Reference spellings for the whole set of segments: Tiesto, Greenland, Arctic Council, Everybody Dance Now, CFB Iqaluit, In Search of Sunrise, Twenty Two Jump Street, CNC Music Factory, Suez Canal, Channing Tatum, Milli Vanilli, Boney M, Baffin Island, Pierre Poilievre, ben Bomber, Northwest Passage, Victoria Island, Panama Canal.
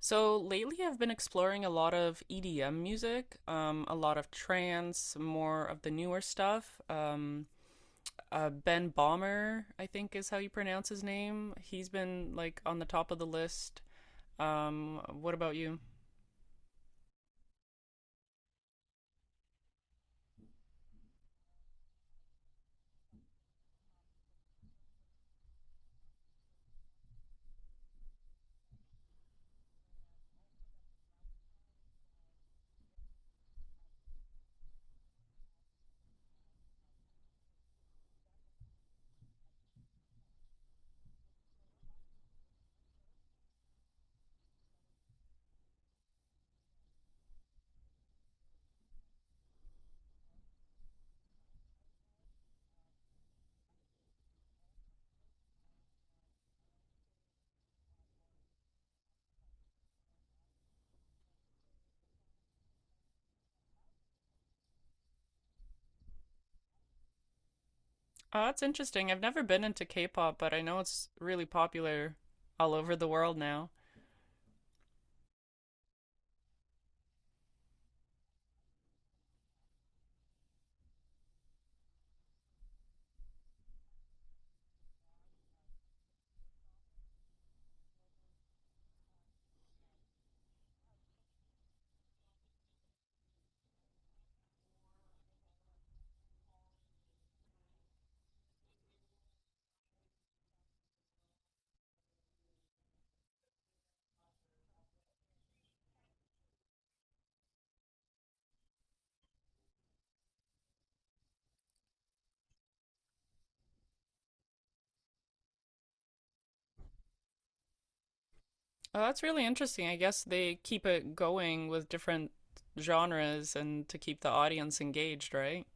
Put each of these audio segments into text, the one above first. So lately, I've been exploring a lot of EDM music, a lot of trance, more of the newer stuff. Ben Bomber, I think is how you pronounce his name. He's been like on the top of the list. What about you? Oh, that's interesting. I've never been into K-pop, but I know it's really popular all over the world now. Oh, that's really interesting. I guess they keep it going with different genres and to keep the audience engaged, right?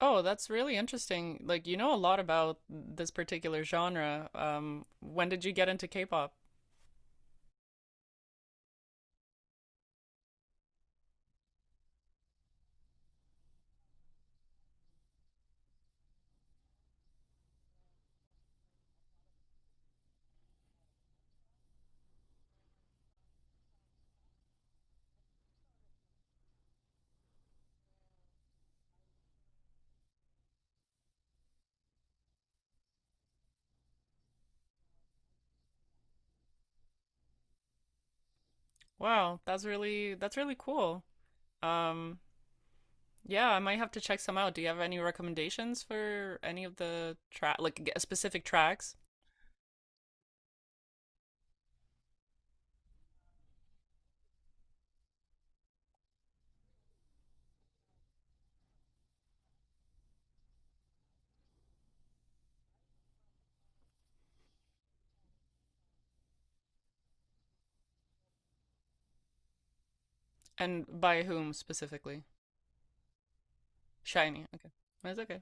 Oh, that's really interesting. Like, you know a lot about this particular genre. When did you get into K-pop? Wow, that's really cool. Um, yeah, I might have to check some out. Do you have any recommendations for any of the track, like specific tracks, and by whom specifically? Shiny. Okay, that's okay.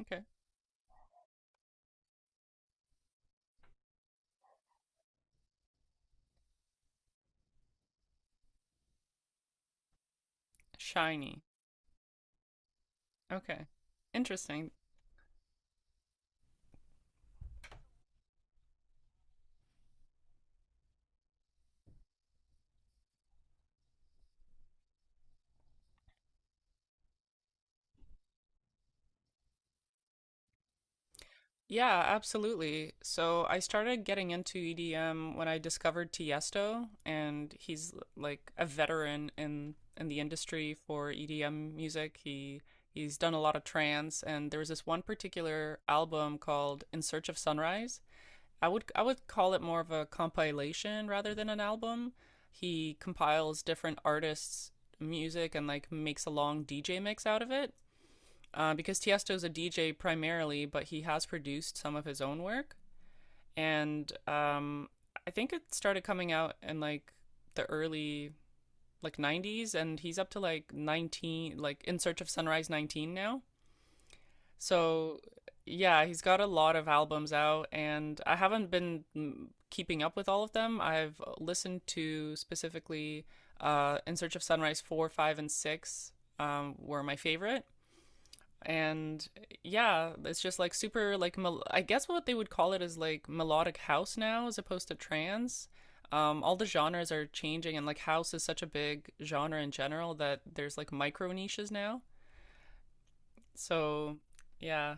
Okay, Shiny. Okay, interesting. Yeah, absolutely. So I started getting into EDM when I discovered Tiesto, and he's like a veteran in the industry for EDM music. He's done a lot of trance, and there was this one particular album called In Search of Sunrise. I would call it more of a compilation rather than an album. He compiles different artists' music and like makes a long DJ mix out of it, because Tiesto's a DJ primarily, but he has produced some of his own work. And I think it started coming out in like the early, like 90s, and he's up to like 19, like In Search of Sunrise 19 now. So yeah, he's got a lot of albums out, and I haven't been keeping up with all of them. I've listened to specifically In Search of Sunrise 4, 5, and 6 were my favorite, and yeah, it's just like super, like I guess what they would call it is like melodic house now, as opposed to trance. All the genres are changing, and like house is such a big genre in general that there's like micro niches now. So yeah.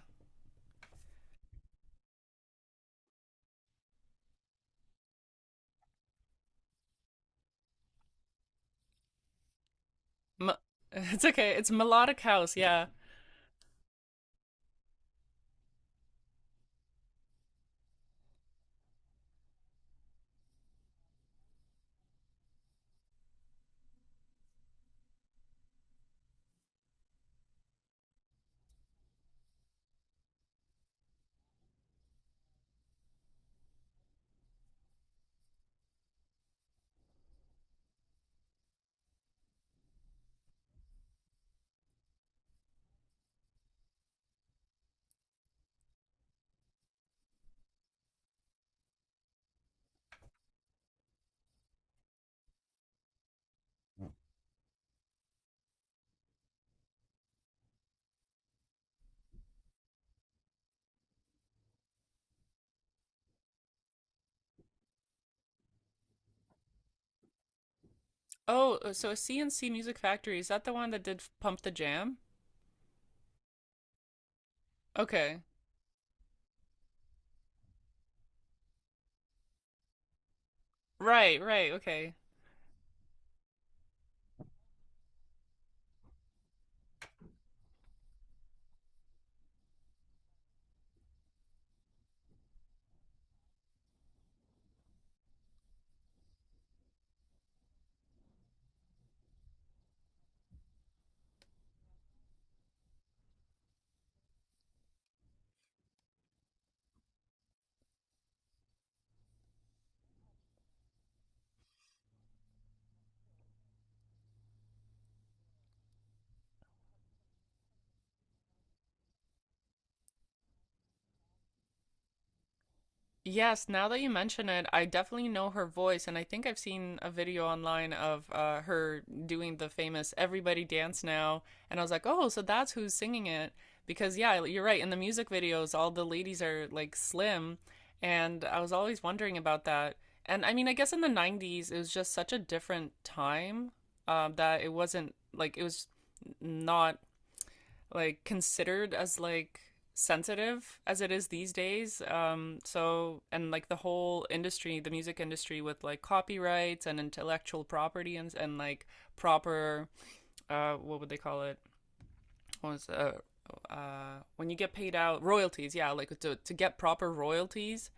Me- it's okay, it's melodic house, yeah. Oh, so CNC Music Factory, is that the one that did Pump the Jam? Okay, right, right, okay. Yes, now that you mention it, I definitely know her voice, and I think I've seen a video online of her doing the famous Everybody Dance Now. And I was like, oh, so that's who's singing it. Because, yeah, you're right. In the music videos, all the ladies are like slim. And I was always wondering about that. And I mean, I guess in the 90s, it was just such a different time, that it wasn't, like it was not like considered as like sensitive as it is these days. So, and like the whole industry, the music industry, with like copyrights and intellectual property, and like proper, what would they call it, what was when you get paid out royalties, yeah, like to get proper royalties,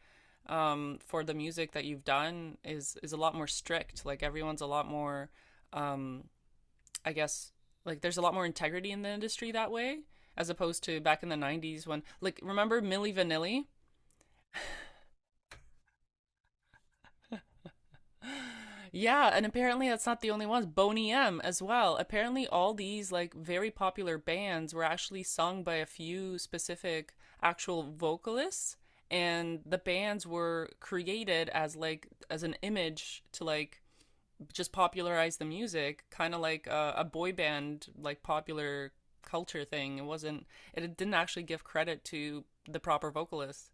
for the music that you've done is a lot more strict, like everyone's a lot more, um I guess, like there's a lot more integrity in the industry that way, as opposed to back in the 90s when, like, remember Milli Vanilli? Yeah, and apparently that's not the only ones. Boney M as well. Apparently all these like very popular bands were actually sung by a few specific actual vocalists, and the bands were created as like as an image to like just popularized the music, kind of like a boy band, like popular culture thing. It wasn't. It didn't actually give credit to the proper vocalists.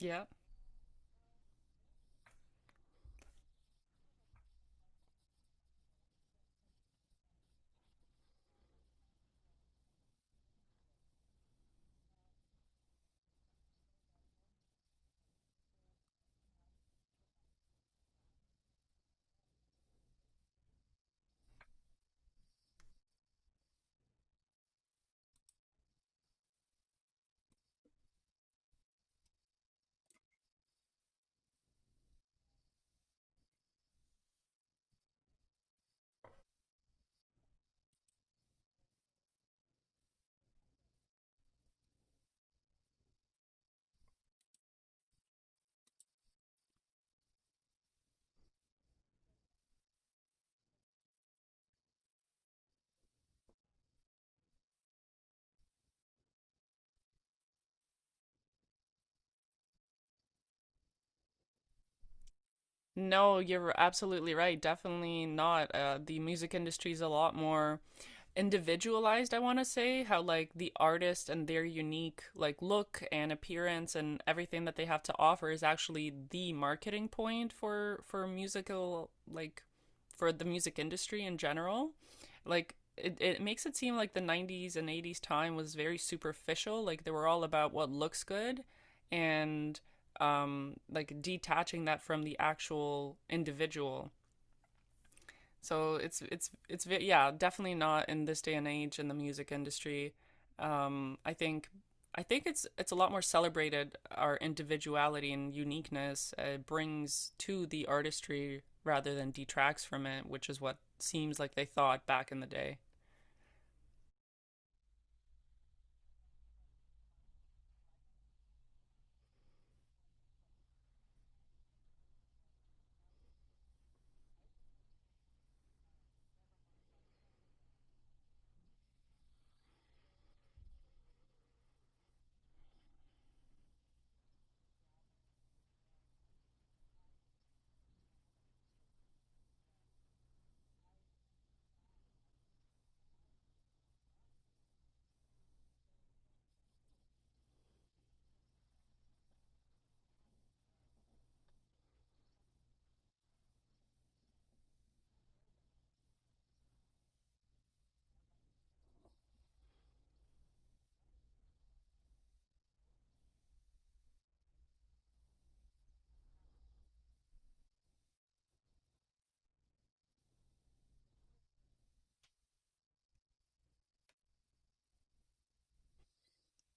Yeah. No, you're absolutely right. Definitely not. The music industry is a lot more individualized, I want to say, how like the artist and their unique like look and appearance and everything that they have to offer is actually the marketing point for musical, like for the music industry in general. Like it makes it seem like the 90s and 80s time was very superficial, like they were all about what looks good and like detaching that from the actual individual. So it's yeah, definitely not in this day and age in the music industry. Um, I think I think it's a lot more celebrated our individuality and uniqueness brings to the artistry rather than detracts from it, which is what seems like they thought back in the day.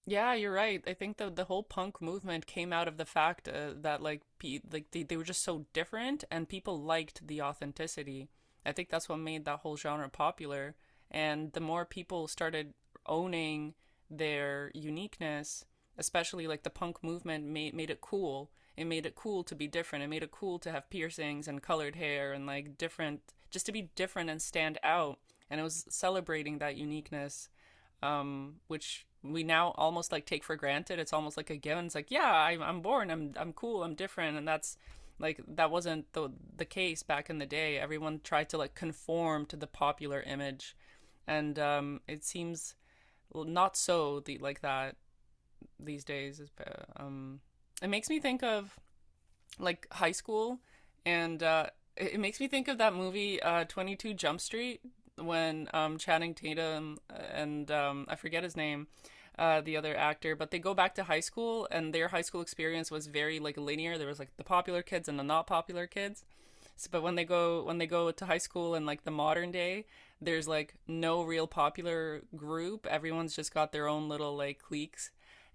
Yeah, you're right. I think the whole punk movement came out of the fact that, like pe like they were just so different and people liked the authenticity. I think that's what made that whole genre popular. And the more people started owning their uniqueness, especially like the punk movement made it cool. It made it cool to be different. It made it cool to have piercings and colored hair and like different, just to be different and stand out. And it was celebrating that uniqueness, which we now almost like take for granted. It's almost like a given. It's like, yeah, I'm, born, I'm cool, I'm different. And that's like, that wasn't the case back in the day. Everyone tried to like conform to the popular image. And it seems, well, not so like that these days. Um, it makes me think of like high school, and it makes me think of that movie, 22 Jump Street, when Channing Tatum and, I forget his name. The other actor, but they go back to high school, and their high school experience was very like linear. There was like the popular kids and the not popular kids, so, but when they go to high school in like the modern day, there's like no real popular group. Everyone's just got their own little like cliques,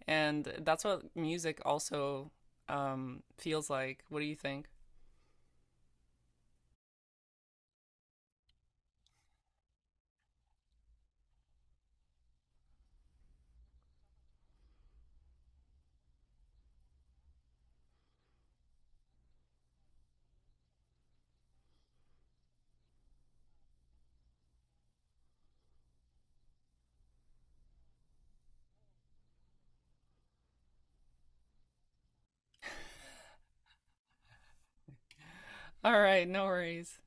and that's what music also feels like. What do you think? All right, no worries.